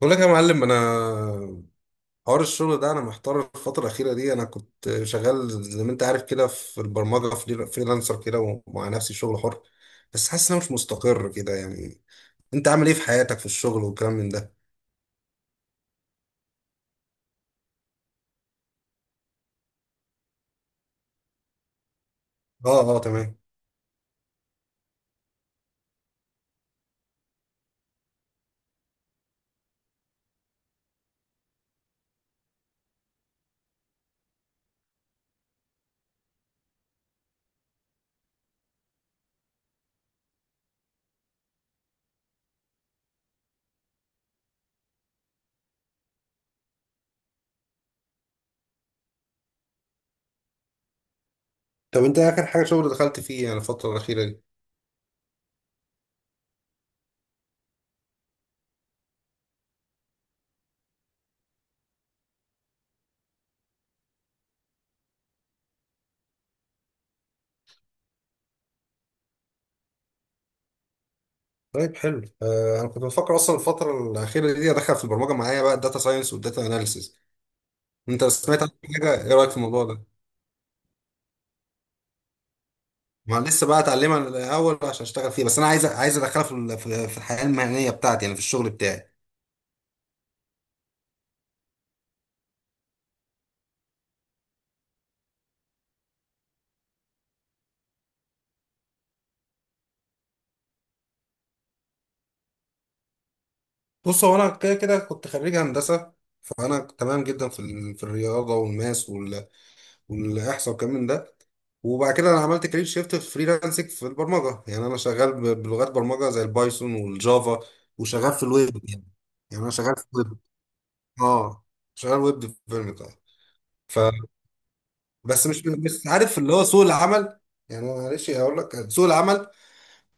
بقول لك يا معلم، انا حوار الشغل ده انا محتار الفتره الاخيره دي. انا كنت شغال زي ما انت عارف كده في البرمجه فريلانسر كده، ومع نفسي شغل حر، بس حاسس ان انا مش مستقر كده يعني. انت عامل ايه في حياتك في الشغل والكلام من ده؟ اه اه تمام. طب انت اخر حاجه شغل دخلت فيه يعني الفتره الاخيره دي؟ طيب حلو آه، انا كنت بفكر اصلا الفتره الاخيره دي ادخل في البرمجه معايا بقى الداتا ساينس والداتا اناليسيز. انت سمعت عن حاجه؟ ايه رايك في الموضوع ده؟ ما أنا لسه بقى اتعلمها الاول عشان اشتغل فيها، بس انا عايز عايز ادخلها في في الحياه المهنيه بتاعتي يعني في الشغل بتاعي. بص هو انا كده كده كنت خريج هندسه، فانا تمام جدا في في الرياضه والماس والاحصاء والكلام من ده. وبعد كده انا عملت كارير شيفت في فريلانسنج في البرمجه، يعني انا شغال بلغات برمجه زي البايثون والجافا، وشغال في الويب يعني. يعني انا شغال في الويب، اه، شغال ويب ديفلوبمنت اه. ف بس مش عارف اللي هو سوق العمل. يعني معلش اقول لك، سوق العمل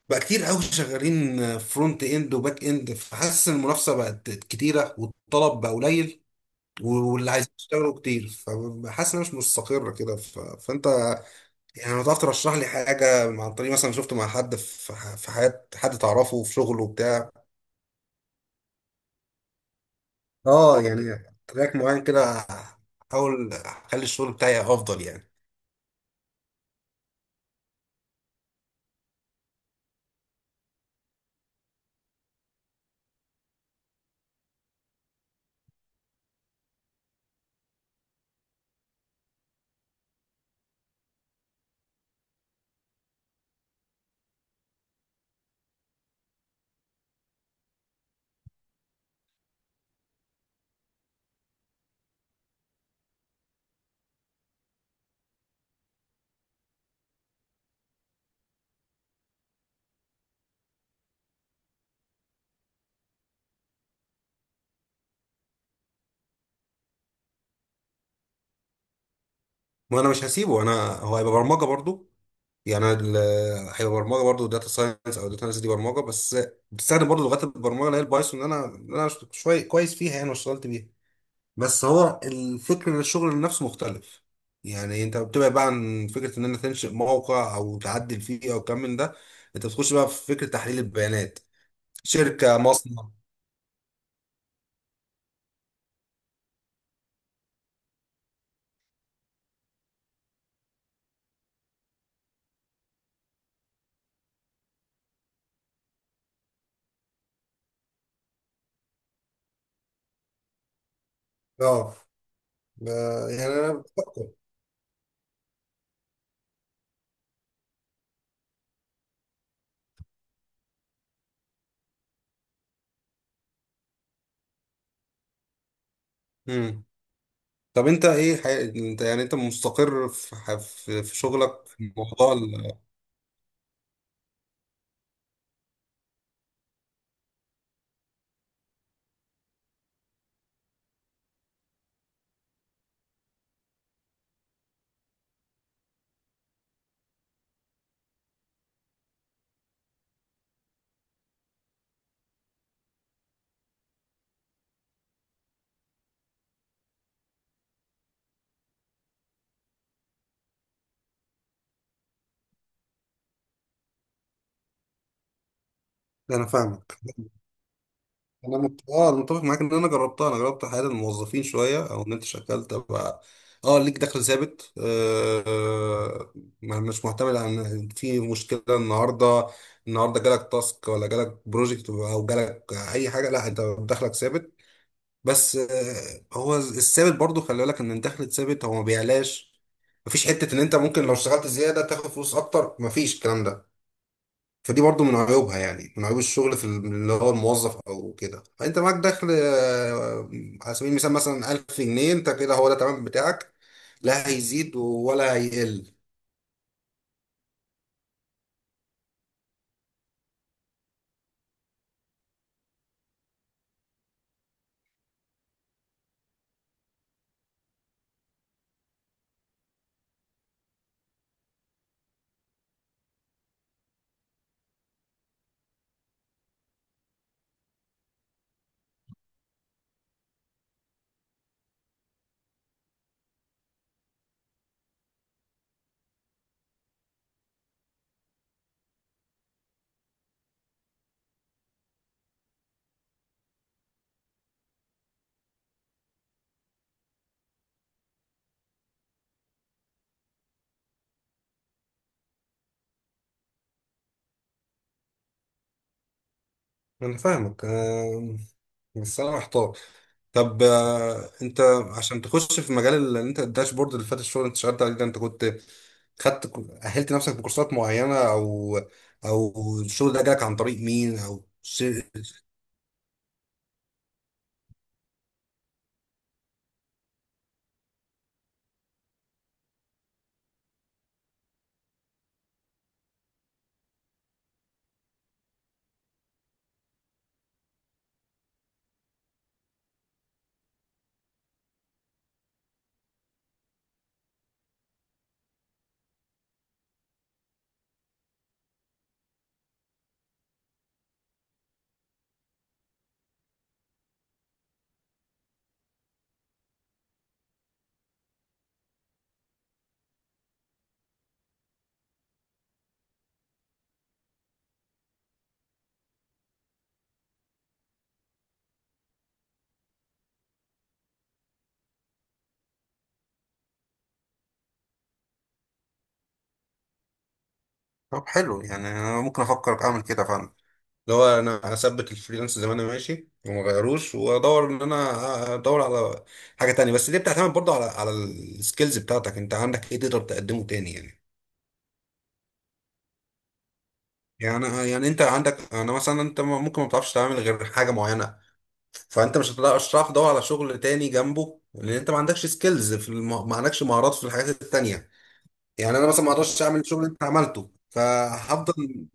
بقى كتير قوي شغالين فرونت اند وباك اند، فحاسس ان المنافسه بقت كتيره والطلب بقى قليل، واللي عايزين يشتغلوا كتير، فحاسس انها مش مستقره كده. ف... فانت يعني لو تعرف ترشح لي حاجه، عن طريق مثلا شفته مع حد في في حياه حد تعرفه في شغله بتاع. اه يعني تراك معين كده، احاول اخلي الشغل بتاعي افضل يعني. ما انا مش هسيبه، انا هو هيبقى برمجه برضو. يعني هي برمجه برضه، داتا ساينس، او داتا ساينس دي برمجه بس، بتستخدم برضه لغات البرمجه اللي هي البايثون، اللي انا اللي انا شويه كويس فيها يعني واشتغلت بيها. بس هو الفكر ان الشغل نفسه مختلف. يعني انت بتبعد بقى عن فكره ان انت تنشئ موقع او تعدل فيه او كم من ده، انت بتخش بقى في فكره تحليل البيانات، شركه، مصنع. اه آه، يعني انا بفكر. مم. طب انت ايه حي... انت يعني انت مستقر في، في شغلك في موضوع ال...؟ انا فاهمك. انا مت... اه انا متفق معاك، ان انا جربتها، انا جربت حياه الموظفين شويه، او ان انت شغال تبقى اه، ليك دخل ثابت، آه آه، مش معتمد على ان في مشكله النهارده. النهارده جالك تاسك ولا جالك بروجكت او جالك اي حاجه، لا انت دخلك ثابت. بس آه، هو الثابت برضو خلي بالك ان الدخل الثابت هو ما بيعلاش. مفيش حته ان انت ممكن لو اشتغلت زياده تاخد فلوس اكتر، مفيش الكلام ده. فدي برضو من عيوبها، يعني من عيوب الشغل في اللي هو الموظف او كده. فانت معاك دخل آه، على سبيل المثال مثلا 1000 جنيه، انت كده هو ده تمام بتاعك، لا هيزيد ولا هيقل. انا فاهمك آه، بس انا محتار. طب آه، انت عشان تخش في مجال اللي انت الداشبورد اللي فات، الشغل اللي انت اشتغلت عليه ده، انت كنت خدت، اهلت نفسك بكورسات معينة، او او الشغل ده جالك عن طريق مين او ش-؟ طب حلو، يعني انا ممكن افكر اعمل كده فعلا. اللي هو انا هثبت الفريلانس زي ما انا ماشي وما غيروش، وادور ان انا ادور على حاجه تانية. بس دي بتعتمد برضو على السكيلز بتاعتك، انت عندك ايه تقدر تقدمه تاني يعني. يعني انت عندك، انا مثلا انت ممكن ما بتعرفش تعمل غير حاجه معينه، فانت مش هتعرف تدور على شغل تاني جنبه، لان انت ما عندكش سكيلز في الم... ما عندكش مهارات في الحاجات التانية. يعني انا مثلا ما اقدرش اعمل الشغل اللي انت عملته، فهفضل.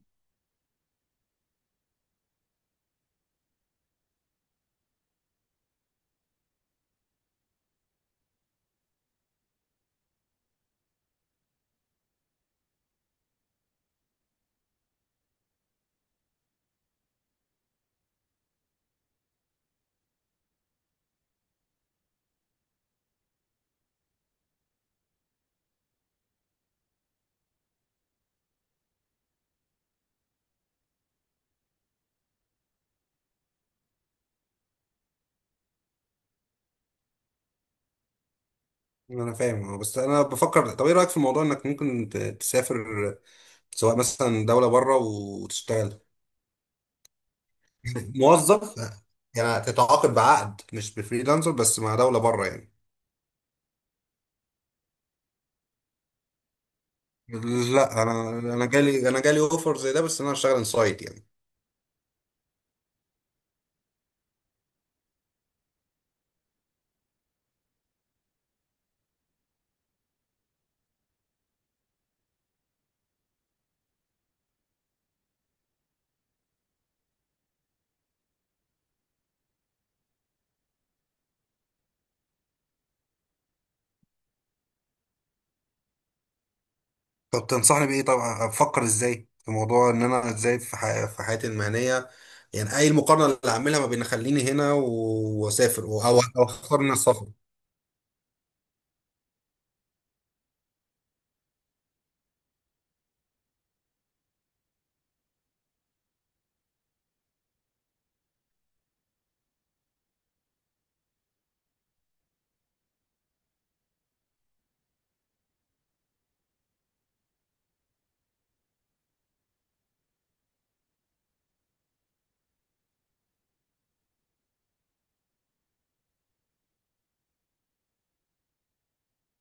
انا فاهم اه، بس انا بفكر، طب ايه رايك في موضوع انك ممكن تسافر؟ سواء مثلا دوله بره وتشتغل موظف. يعني تتعاقد بعقد مش بفريلانسر، بس مع دوله بره يعني. لا انا، انا جالي اوفر زي ده، بس انا هشتغل انسايد يعني. طب تنصحني بايه؟ طبعا افكر ازاي في موضوع ان انا ازاي في حي... في حياتي المهنيه. يعني اي المقارنه اللي هعملها ما بين اخليني هنا واسافر، او أو اختار ان أنا اسافر؟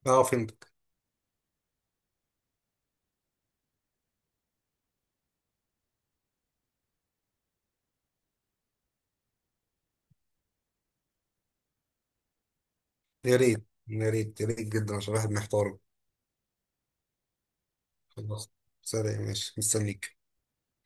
اه فهمت. يا ريت، يا ريت، يا ريت جدا، عشان الواحد محتار. خلاص، سلام، ماشي، مستنيك.